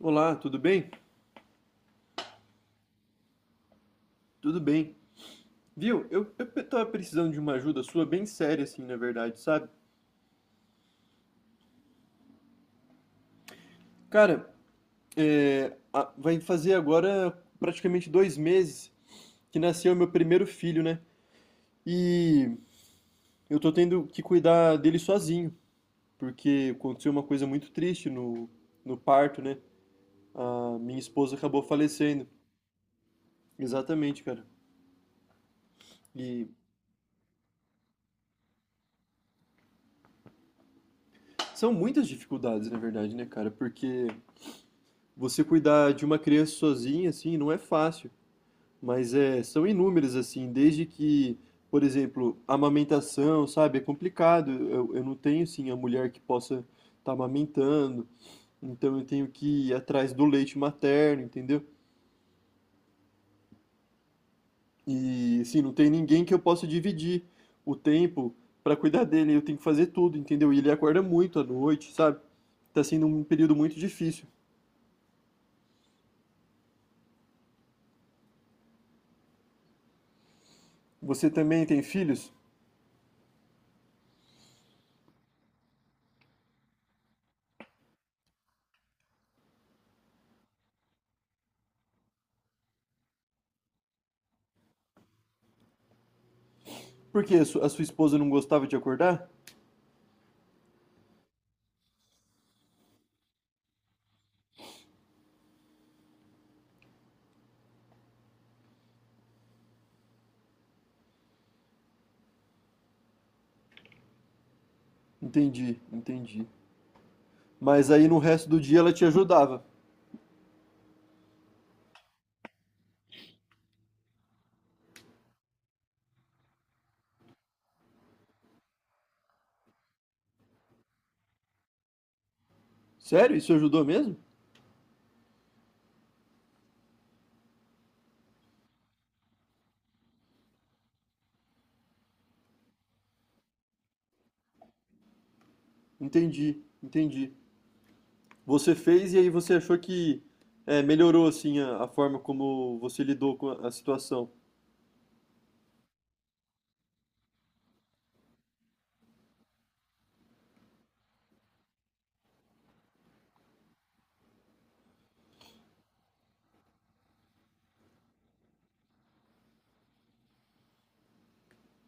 Olá, tudo bem? Tudo bem. Viu? Eu tava precisando de uma ajuda sua bem séria, assim, na verdade, sabe? Cara, vai fazer agora praticamente 2 meses que nasceu meu primeiro filho, né? E eu tô tendo que cuidar dele sozinho, porque aconteceu uma coisa muito triste no parto, né? A minha esposa acabou falecendo. Exatamente, cara. E são muitas dificuldades, na verdade, né, cara? Porque você cuidar de uma criança sozinha, assim, não é fácil. Mas é, são inúmeras, assim, desde que, por exemplo, amamentação, sabe? É complicado. Eu não tenho, assim, a mulher que possa estar amamentando, então eu tenho que ir atrás do leite materno, entendeu? E, assim, não tem ninguém que eu possa dividir o tempo para cuidar dele. Eu tenho que fazer tudo, entendeu? E ele acorda muito à noite, sabe? Tá sendo um período muito difícil. Você também tem filhos? Por quê? A sua esposa não gostava de acordar? Entendi, entendi. Mas aí no resto do dia ela te ajudava. Sério? Isso ajudou mesmo? Entendi, entendi. Você fez e aí você achou que melhorou assim a forma como você lidou com a situação.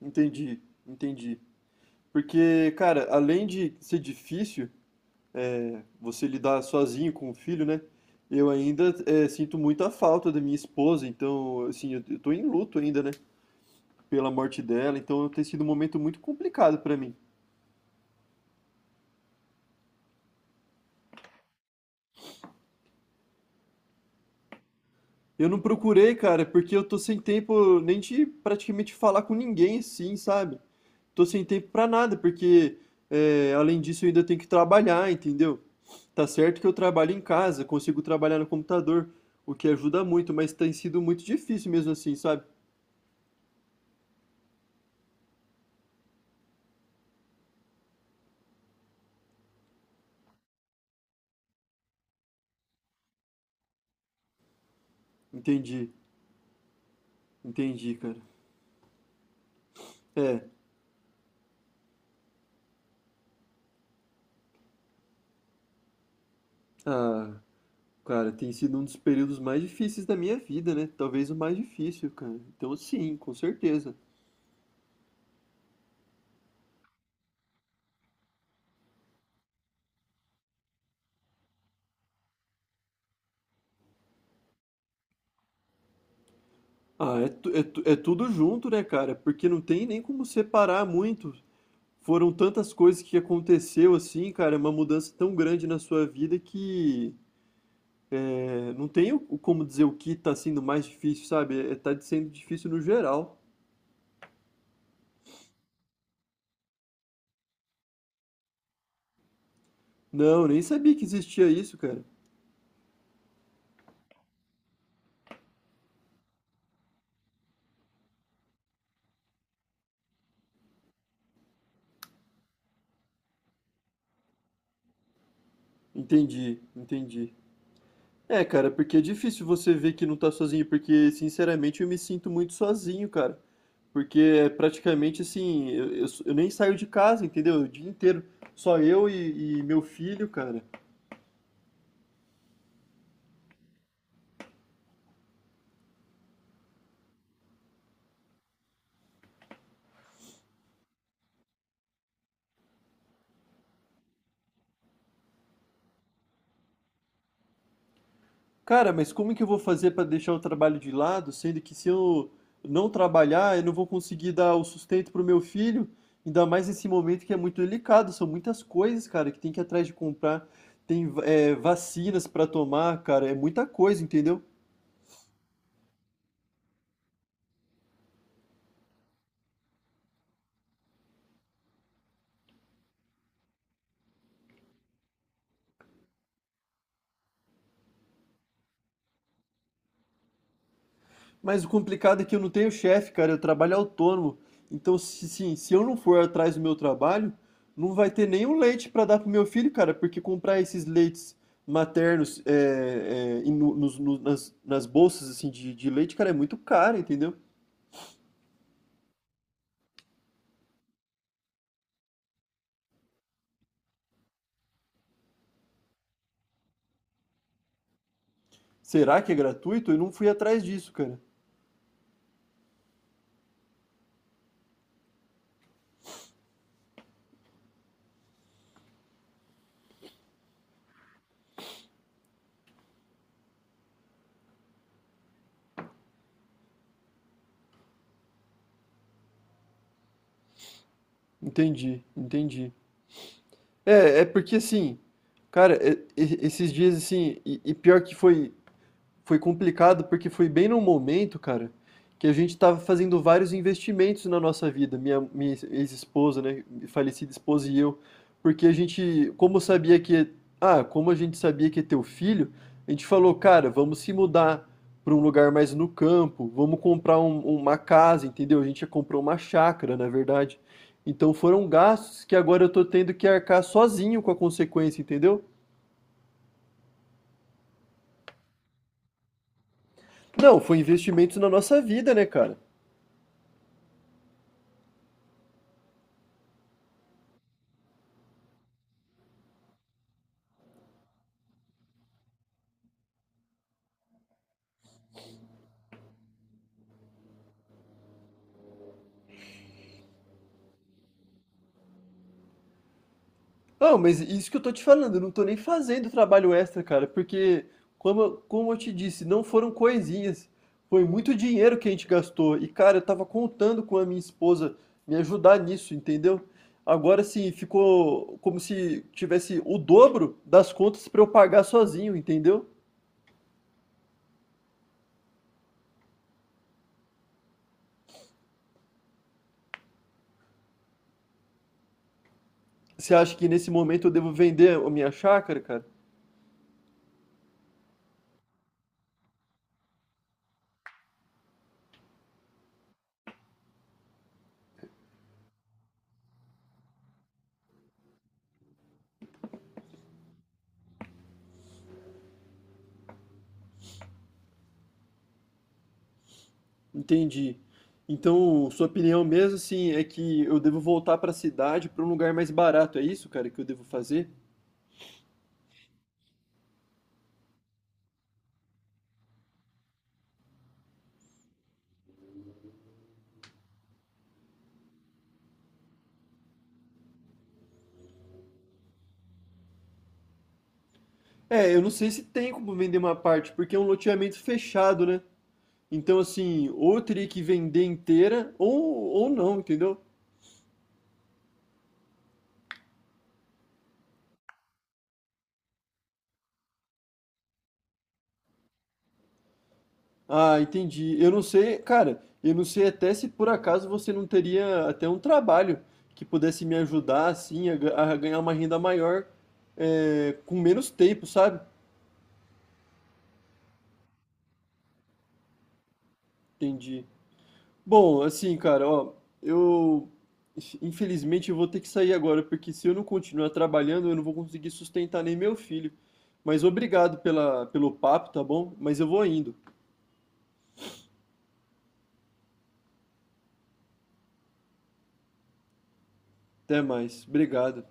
Entendi, entendi. Porque, cara, além de ser difícil você lidar sozinho com o filho, né? Eu ainda sinto muita falta da minha esposa, então, assim, eu tô em luto ainda, né? Pela morte dela, então tem sido um momento muito complicado pra mim. Eu não procurei, cara, é porque eu tô sem tempo nem de praticamente falar com ninguém, sim, sabe? Tô sem tempo pra nada, porque além disso eu ainda tenho que trabalhar, entendeu? Tá certo que eu trabalho em casa, consigo trabalhar no computador, o que ajuda muito, mas tem sido muito difícil mesmo assim, sabe? Entendi, entendi, cara. É, ah, cara, tem sido um dos períodos mais difíceis da minha vida, né? Talvez o mais difícil, cara. Então, sim, com certeza. Ah, é tudo junto, né, cara? Porque não tem nem como separar muito. Foram tantas coisas que aconteceu assim, cara, é uma mudança tão grande na sua vida que não tem o como dizer o que tá sendo mais difícil, sabe? É, tá sendo difícil no geral. Não, nem sabia que existia isso, cara. Entendi, entendi. É, cara, porque é difícil você ver que não tá sozinho, porque, sinceramente, eu me sinto muito sozinho, cara. Porque é praticamente assim, eu nem saio de casa, entendeu? O dia inteiro, só eu e meu filho, cara. Cara, mas como que eu vou fazer pra deixar o trabalho de lado, sendo que se eu não trabalhar, eu não vou conseguir dar o sustento pro meu filho? Ainda mais nesse momento que é muito delicado, são muitas coisas, cara, que tem que ir atrás de comprar, tem, vacinas pra tomar, cara, é muita coisa, entendeu? Mas o complicado é que eu não tenho chefe, cara, eu trabalho autônomo. Então, se, sim, se eu não for atrás do meu trabalho, não vai ter nenhum leite para dar pro meu filho, cara, porque comprar esses leites maternos nas bolsas assim de leite, cara, é muito caro, entendeu? Será que é gratuito? Eu não fui atrás disso, cara. Entendi, entendi. É, é porque assim, cara, esses dias assim, e pior que foi. Foi complicado porque foi bem num momento, cara, que a gente estava fazendo vários investimentos na nossa vida, minha ex-esposa, né, falecida esposa e eu, porque a gente, como sabia que, ah, como a gente sabia que ia ter o filho, a gente falou, cara, vamos se mudar para um lugar mais no campo, vamos comprar uma casa, entendeu? A gente já comprou uma chácara, na verdade. Então foram gastos que agora eu tô tendo que arcar sozinho com a consequência, entendeu? Não, foi investimentos na nossa vida, né, cara? Não, mas isso que eu tô te falando, eu não tô nem fazendo trabalho extra, cara, porque, como, como eu te disse, não foram coisinhas, foi muito dinheiro que a gente gastou. E, cara, eu tava contando com a minha esposa me ajudar nisso, entendeu? Agora sim, ficou como se tivesse o dobro das contas pra eu pagar sozinho, entendeu? Você acha que nesse momento eu devo vender a minha chácara, cara? Entendi. Então, sua opinião mesmo, assim, é que eu devo voltar pra cidade, pra um lugar mais barato, é isso, cara, que eu devo fazer? É, eu não sei se tem como vender uma parte, porque é um loteamento fechado, né? Então, assim, ou eu teria que vender inteira, ou não, entendeu? Ah, entendi. Eu não sei, cara, eu não sei até se por acaso você não teria até um trabalho que pudesse me ajudar, assim, a ganhar uma renda maior, com menos tempo, sabe? Entendi. Bom, assim, cara, ó, eu infelizmente eu vou ter que sair agora, porque se eu não continuar trabalhando, eu não vou conseguir sustentar nem meu filho. Mas obrigado pela, pelo papo, tá bom? Mas eu vou indo. Até mais. Obrigado.